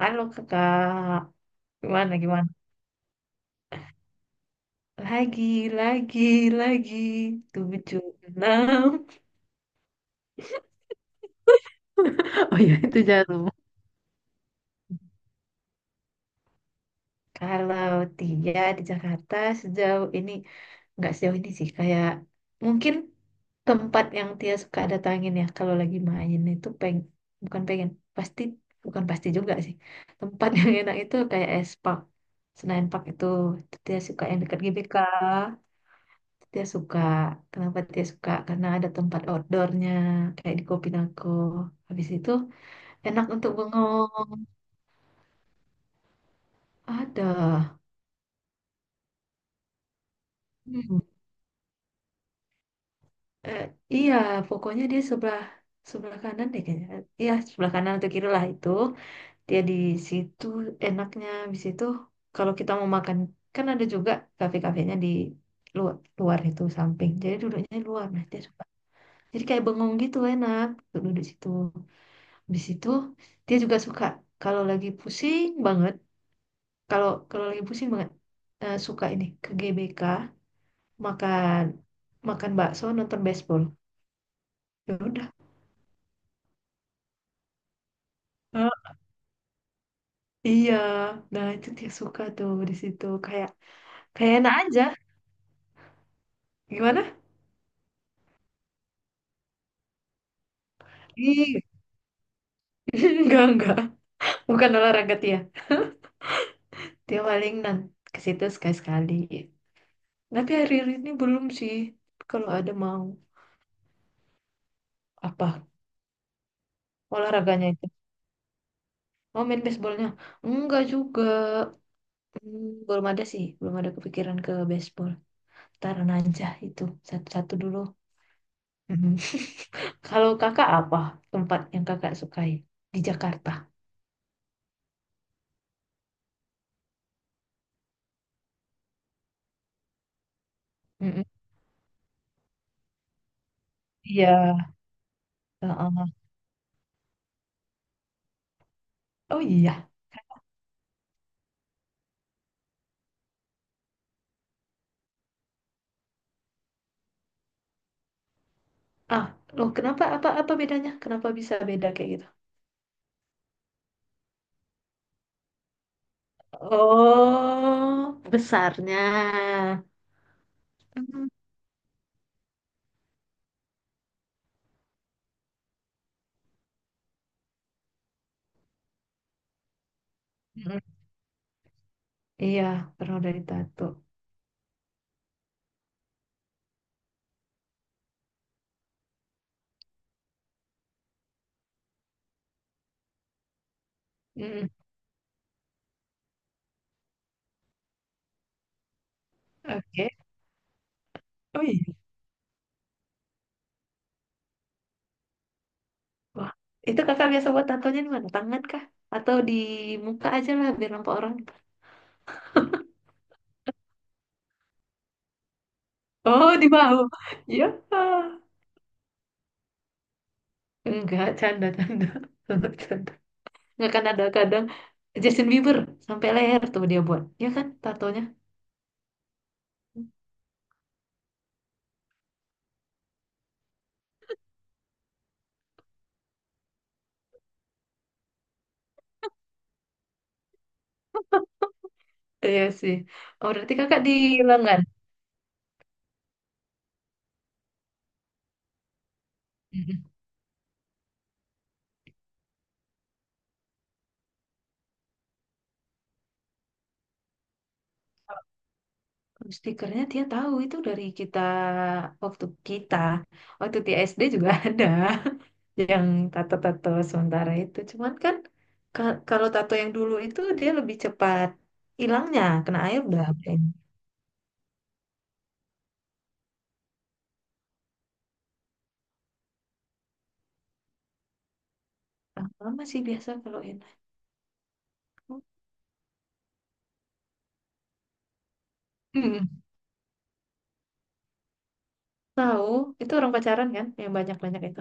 Halo kakak, gimana gimana? Lagi, lagi, lagi, tujuh enam. Oh ya itu jarum. Kalau Tia di Jakarta sejauh ini, nggak sejauh ini sih, kayak mungkin tempat yang Tia suka datangin ya, kalau lagi main itu bukan pengen, pasti, bukan pasti juga sih. Tempat yang enak itu kayak Senayan Park itu, Tia suka yang dekat GBK. Dia suka. Kenapa dia suka? Karena ada tempat outdoornya, kayak di Kopinago. Habis itu enak untuk bengong. Ada. Hmm. Eh, iya, pokoknya dia sebelah sebelah kanan deh kayaknya. Iya, sebelah kanan atau kiri lah itu. Dia di situ enaknya. Habis itu kalau kita mau makan, kan ada juga kafe-kafenya di luar, luar itu samping. Jadi duduknya di luar. Nah, dia suka. Jadi kayak bengong gitu enak untuk duduk di situ. Di situ dia juga suka kalau lagi pusing banget, kalau kalau lagi pusing banget, suka ini ke GBK makan makan bakso nonton baseball. Ya udah. Eh, Iya, nah itu dia suka tuh di situ, kayak kayak enak aja. Gimana? Ih, enggak, bukan olahraga dia. Dia paling ke situ sekali-sekali. Tapi hari-hari ini belum sih. Kalau ada mau apa olahraganya itu? Mau main baseballnya? Enggak juga. Hmm, belum ada sih, belum ada kepikiran ke baseball. Taran aja itu satu-satu dulu. Mhm. Kalau kakak apa tempat yang kakak sukai di Jakarta? Mhm. Iya. Heeh. Oh iya. Ah, loh kenapa apa apa bedanya? Kenapa bisa beda kayak gitu? Oh, besarnya. Mhm. Mhm. Iya, pernah dari tato. Mhm. Oke. Oh iya. Wah, itu kakak biasa buat tatonya di mana? Tangan kah? Atau di muka aja lah biar nampak orang? Oh, di mau. Ya. Enggak, canda-canda. Canda. Enggak, kan ada kadang Justin Bieber sampai leher tuh dia buat. Ya kan tatonya. Iya sih. Oh, berarti kakak di lengan. Mm-mm. Kalau stikernya dia tahu itu dari kita, waktu kita waktu di SD juga ada yang tato-tato sementara itu. Cuman kan kalau tato yang dulu itu dia lebih cepat hilangnya, kena air udah blank. Lama sih biasa kalau enak. Tahu, itu orang pacaran kan yang banyak-banyak itu.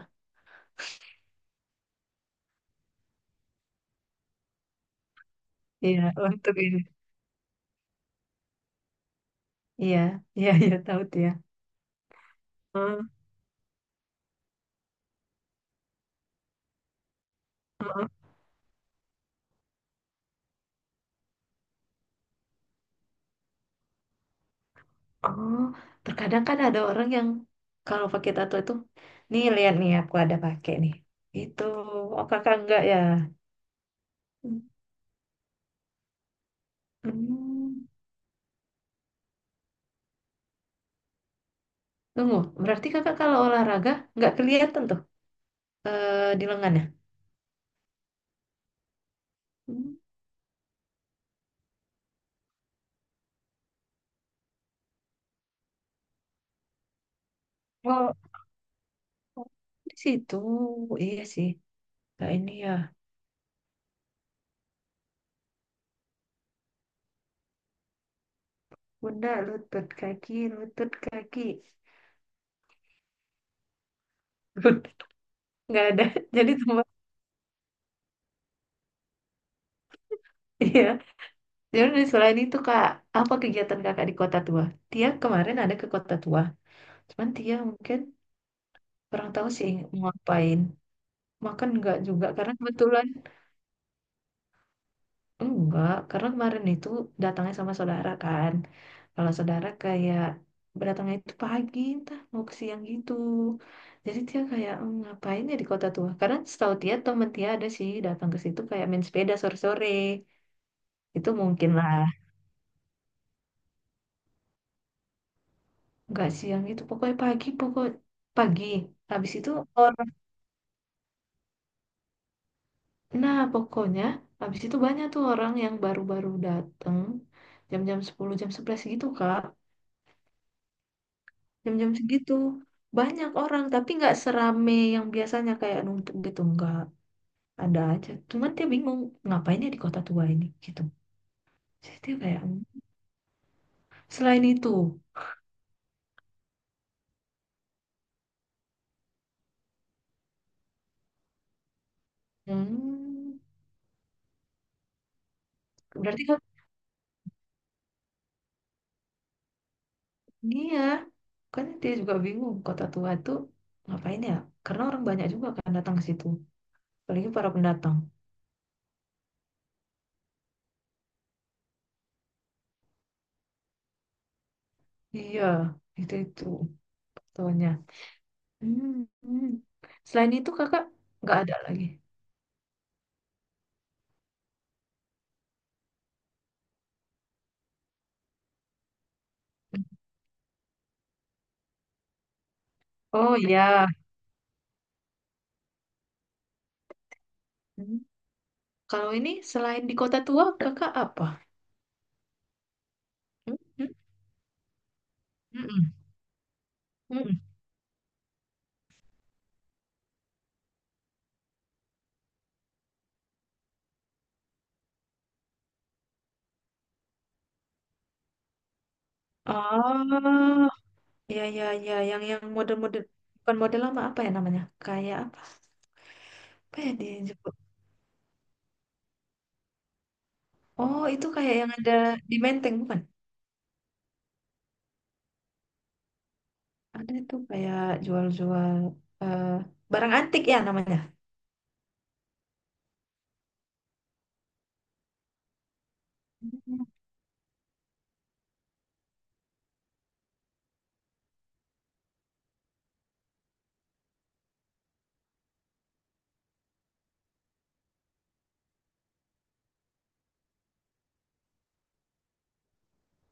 Iya, untuk ini. Iya, iya, iya, tahu dia. Heeh, heeh. Oh, terkadang kan ada orang yang kalau pakai tato itu, nih lihat nih, aku ada pakai nih. Itu, oh kakak enggak ya? Hmm. Tunggu, berarti kakak kalau olahraga nggak kelihatan tuh di lengannya? Hmm. Oh, di situ, iya sih. Kayak ini ya, bunda lutut kaki, lutut kaki. Nggak ada. Jadi tempat, iya, jadi dari selain itu, kak, apa kegiatan kakak di kota tua? Dia kemarin ada ke kota tua, cuman dia mungkin kurang tahu sih mau ngapain, makan nggak juga karena kebetulan enggak, karena kemarin itu datangnya sama saudara kan. Kalau saudara kayak berdatangnya itu pagi entah mau ke siang gitu. Jadi dia kayak, "Hmm, ngapain ya di kota tua," karena setahu dia temen dia ada sih datang ke situ kayak main sepeda sore-sore. Itu mungkin lah, nggak siang, itu pokoknya pagi, pagi. Habis itu orang, nah pokoknya habis itu banyak tuh orang yang baru-baru dateng jam-jam 10 jam 11 gitu, Kak. Jam-jam segitu banyak orang, tapi nggak serame yang biasanya kayak numpuk gitu, nggak ada aja. Cuman dia bingung ngapain ya di kota tua ini gitu. Jadi dia kayak, "Hmm." Selain itu, hmm, berarti kan, iya kan, dia juga bingung kota tua itu ngapain ya, karena orang banyak juga kan datang ke situ, apalagi para pendatang. Iya, itu soalnya. Hmm, hmm. Selain itu kakak nggak ada lagi. Oh iya. Hmm. Kalau ini selain di Kota Tua kakak apa? Hmm, hmm, hmm, hmm, hmm. Oh, ya ya ya, yang model-model, bukan model lama, apa ya namanya? Kayak apa? Apa ya dia yang disebut? Oh, itu kayak yang ada di Menteng bukan? Ada itu kayak jual-jual, eh, barang antik ya namanya. Hmm.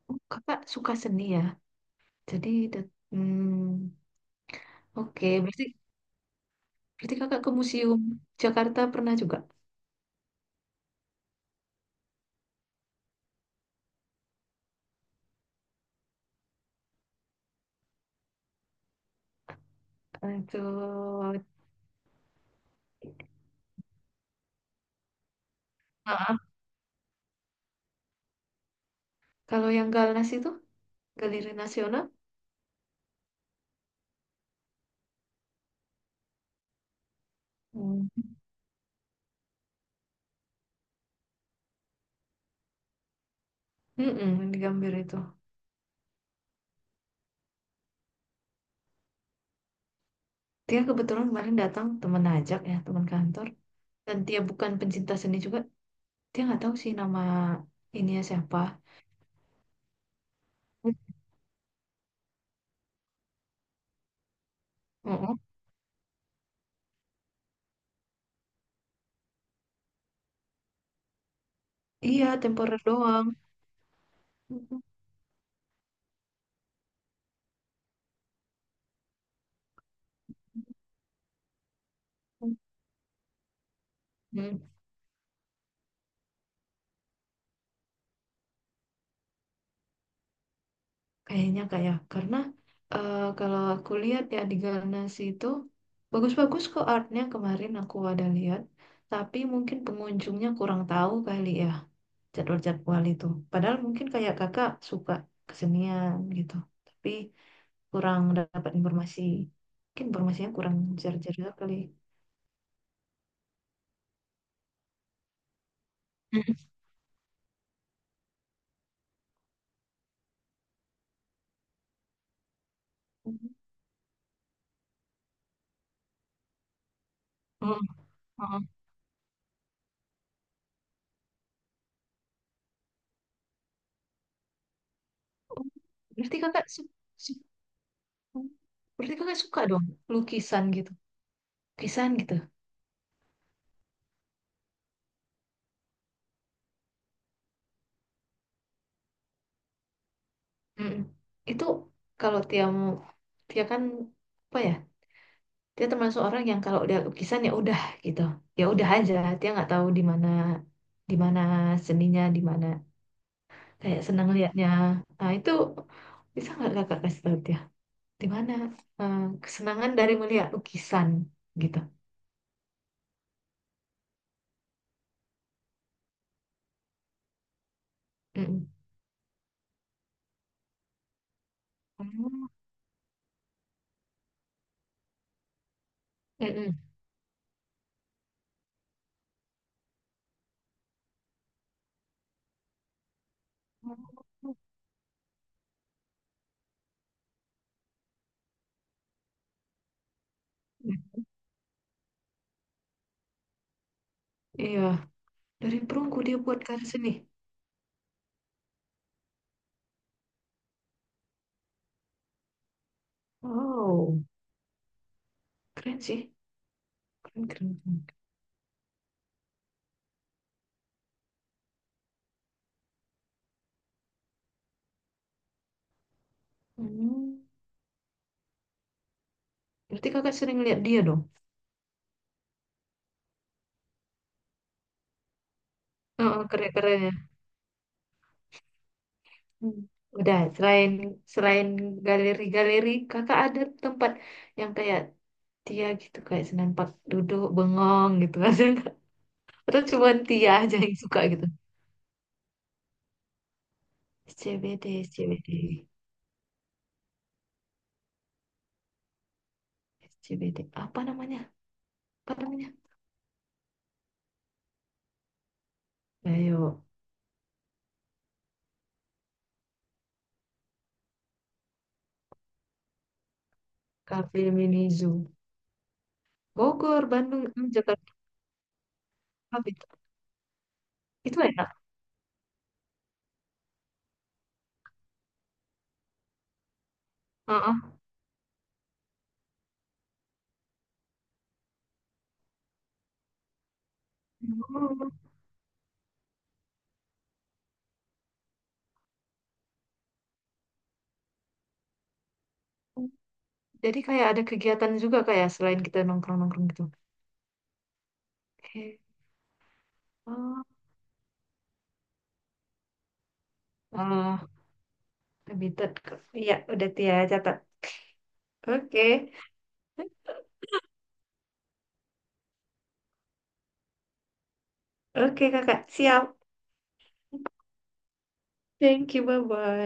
Oh, kakak suka seni ya? Jadi, oke. Berarti kakak ke Museum Jakarta pernah juga? Itu kalau yang Galnas itu, Galeri Nasional, hmm. Di Gambir itu. Dia kebetulan kemarin datang temen ajak ya, teman kantor. Dan dia bukan pencinta seni juga. Dia nggak tahu sih nama ininya siapa. Mm-mm. Iya, temporer doang. Mm-mm. Kayaknya kayak karena, kalau aku lihat ya, di Galnas itu bagus-bagus kok artnya, kemarin aku ada lihat, tapi mungkin pengunjungnya kurang tahu kali ya jadwal-jadwal itu. Padahal mungkin kayak kakak suka kesenian gitu, tapi kurang dapat informasi. Mungkin informasinya kurang jar-jar juga kali. Mhm. Mm, mm, mm. Oh, Berarti kakak su- su- berarti kakak suka dong lukisan gitu, lukisan gitu. Mm-mm. Itu kalau Tia mau, Tia kan apa ya? Dia termasuk orang yang kalau udah lukisan ya udah gitu, ya udah aja. Dia nggak tahu di mana seninya, di mana, kayak senang liatnya. Nah itu bisa nggak kakak kasih tahu dia di mana, eh, kesenangan dari melihat lukisan gitu? Mm-mm. Oh. Mm-mm. Oh. Iya, dari perunggu dia buat karya seni. Wow, keren sih, keren keren. Keren. Hmm. Berarti kakak sering lihat dia dong. Heeh, keren-keren ya. Hmm. Udah, selain selain galeri-galeri, kakak ada tempat yang kayak Tia gitu, kayak senampak duduk bengong gitu. Ada nggak? Atau cuma Tia aja yang suka gitu. SCBD, SCBD, SCBD. Apa namanya? Apa namanya? Ayo, Cafe Mini Zoo. Bogor, Bandung, Jakarta. Habis. Itu enak. Heeh. Oh. Jadi kayak ada kegiatan juga kayak selain kita nongkrong-nongkrong gitu. Oke. Oh, oh, committed. Iya, udah Tia catat. Oke, oke kakak, siap. Thank you, bye-bye.